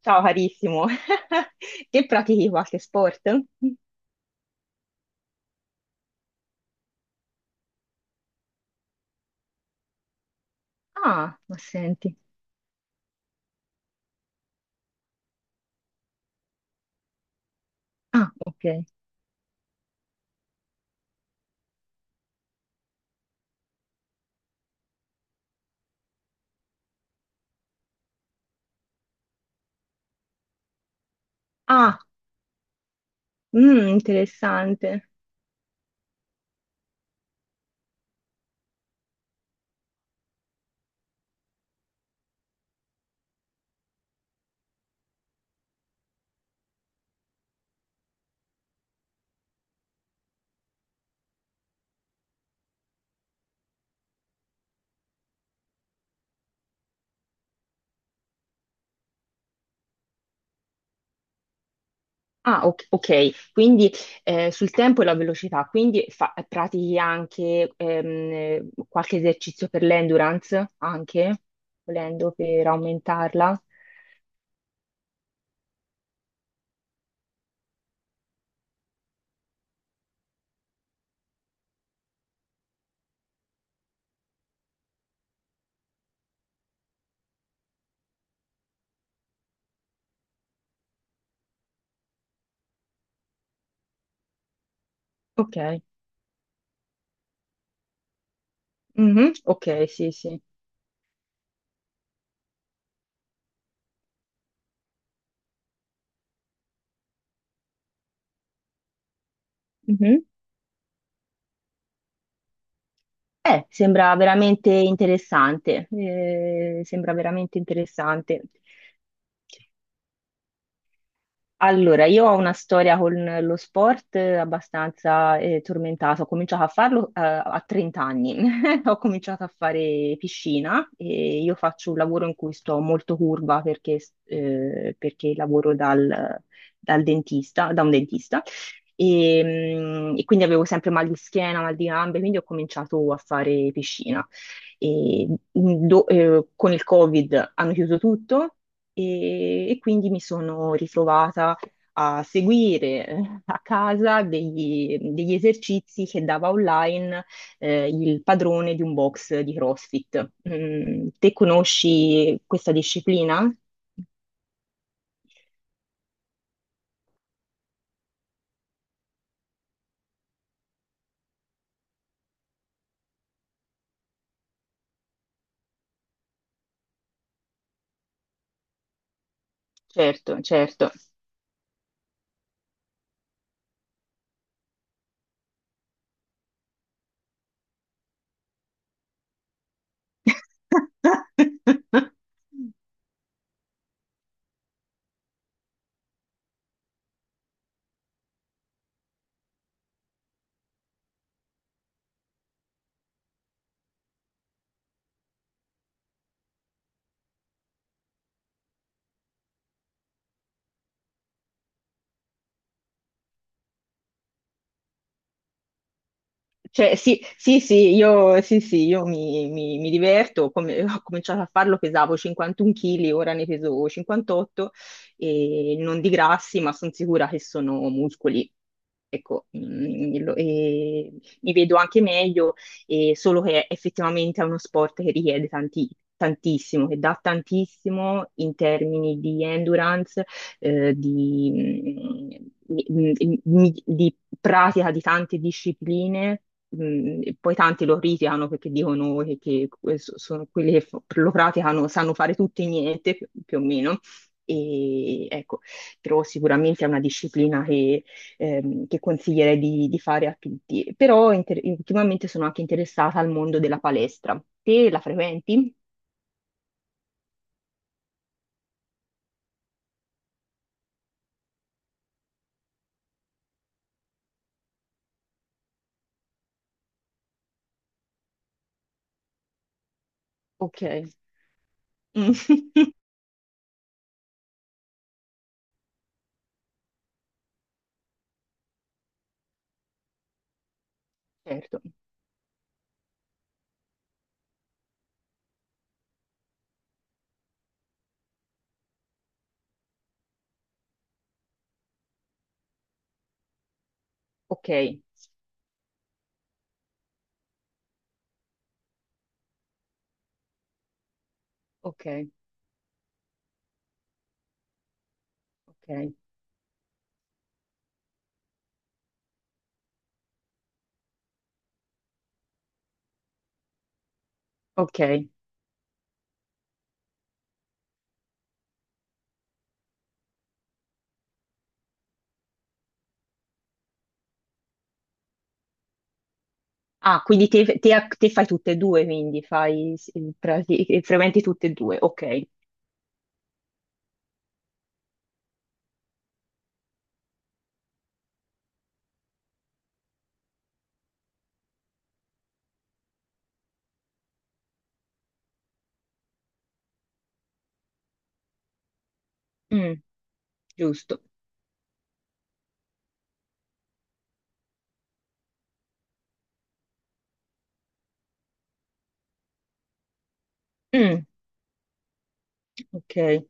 Ciao carissimo, che pratichi qualche sport? Ah, ma senti. Ah, ok. Ah, interessante. Ah, ok, ok. Quindi sul tempo e la velocità, quindi pratichi anche qualche esercizio per l'endurance, anche, volendo per aumentarla. Ok, mhm, ok, sì, sì. Mhm. Sembra veramente interessante, sembra veramente interessante. Allora, io ho una storia con lo sport abbastanza tormentata. Ho cominciato a farlo a 30 anni. Ho cominciato a fare piscina e io faccio un lavoro in cui sto molto curva perché, perché dal dentista, da un dentista. E, e quindi avevo sempre mal di schiena, mal di gambe, quindi ho cominciato a fare piscina. E, con il Covid hanno chiuso tutto e quindi mi sono ritrovata a seguire a casa degli esercizi che dava online il padrone di un box di CrossFit. Mm, te conosci questa disciplina? Certo, certo. Cioè, sì, sì, sì, io mi diverto, ho cominciato a farlo, pesavo 51 kg, ora ne peso 58 e non di grassi, ma sono sicura che sono muscoli. Ecco, e mi vedo anche meglio, e solo che effettivamente è uno sport che richiede tantissimo, che dà tantissimo in termini di endurance, di pratica di tante discipline e poi tanti lo criticano perché dicono che, sono quelli che lo praticano, sanno fare tutto e niente, più, più o meno. E ecco, però sicuramente è una disciplina che consiglierei di fare a tutti. Però ultimamente sono anche interessata al mondo della palestra. Te la frequenti? Ok. Mm. Certo. Ok, ok, ok, ok. Ah, quindi te, te fai tutte e due, quindi fai, frequenti tutte e due, ok. Mm, giusto. Mm, ok,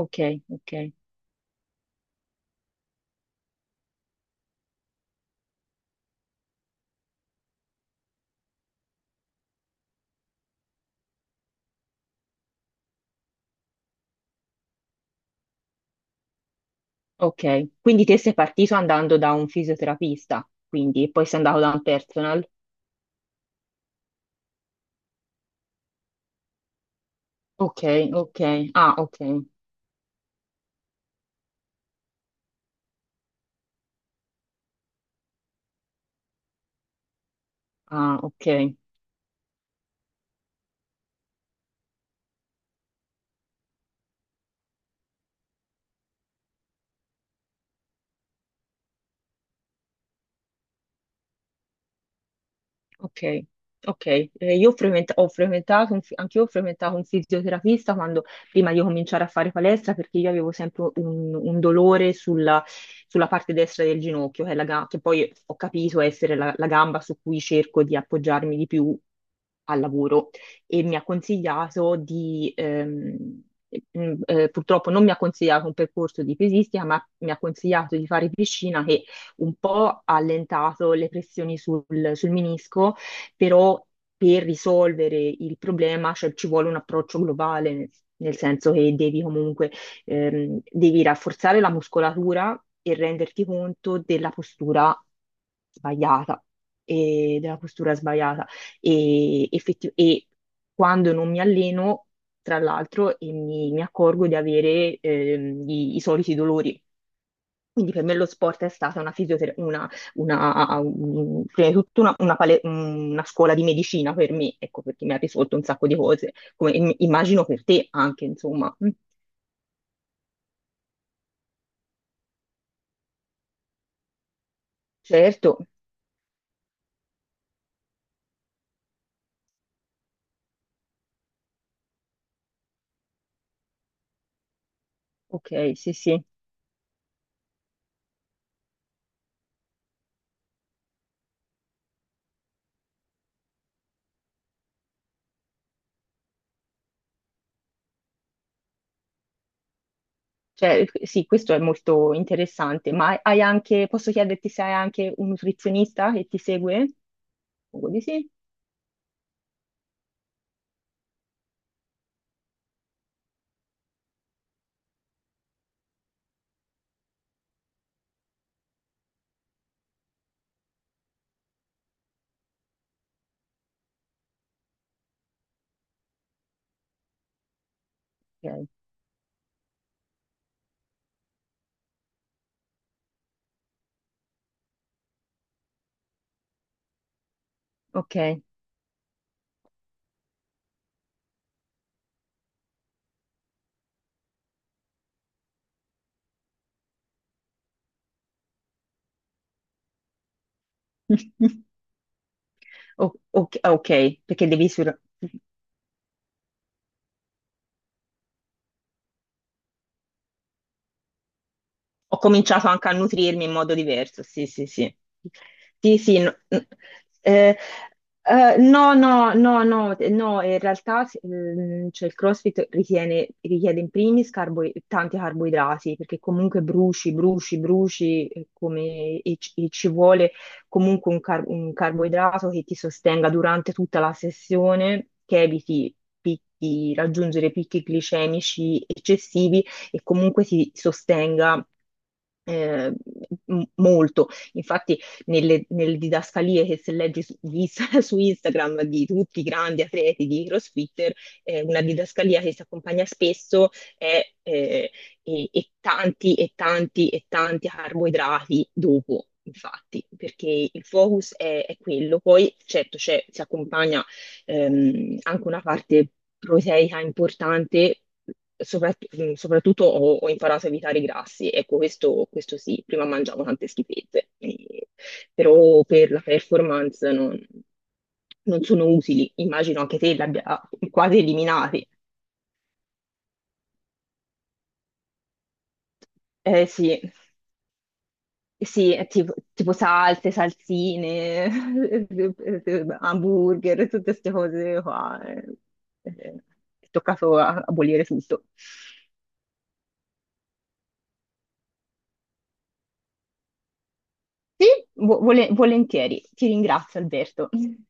ok, ok, ok. Quindi te sei partito andando da un fisioterapista, quindi e poi sei andato da un personal. Ok, ok, ah, ok, ah, ok. Ok, ok. Io ho ho frequentato, un anche io ho frequentato un fisioterapista quando, prima di cominciare a fare palestra perché io avevo sempre un dolore sulla, sulla parte destra del ginocchio, che, è la che poi ho capito essere la, la gamba su cui cerco di appoggiarmi di più al lavoro e mi ha consigliato di... mm, purtroppo non mi ha consigliato un percorso di pesistica, ma mi ha consigliato di fare piscina un po' allentato le pressioni sul, sul menisco, però per risolvere il problema, cioè, ci vuole un approccio globale, nel, nel senso che devi comunque devi rafforzare la muscolatura e renderti conto della postura sbagliata e della postura sbagliata e, e quando non mi alleno, tra l'altro, e mi accorgo di avere i soliti dolori. Quindi per me lo sport è stata una fisioterapia, una, prima di tutto una, una scuola di medicina per me, ecco, perché mi ha risolto un sacco di cose, come immagino per te anche, insomma. Mm, certo, ok, sì, sì. Cioè, sì, questo è molto interessante, ma hai anche, posso chiederti se hai anche un nutrizionista che ti segue? Suppongo di sì. Ok. Ok. Ok, ok, perché devi ho cominciato anche a nutrirmi in modo diverso, sì, sì, sì. Sì, sì, no, eh, no, no, no, no, no, in realtà cioè, il CrossFit richiede in primis tanti carboidrati, perché comunque bruci, bruci, bruci, come, ci e ci vuole comunque un carboidrato che ti sostenga durante tutta la sessione, che eviti raggiungere picchi glicemici eccessivi e comunque si sostenga eh, molto. Infatti, nelle didascalie che se leggi su, su Instagram di tutti i grandi atleti di CrossFitter, una didascalia che si accompagna spesso è e tanti e tanti e tanti carboidrati dopo. Infatti, perché il focus è quello, poi certo si accompagna anche una parte proteica importante, soprattutto ho, ho imparato a evitare i grassi, ecco questo, questo sì, prima mangiavo tante schifezze, però per la performance non, non sono utili, immagino anche te li abbia quasi eliminati. Eh sì, sì, è tipo, tipo salse, salsine, hamburger, tutte queste cose qua. Eh. Eh, è toccato abolire tutto. Sì, volentieri. Ti ringrazio, Alberto.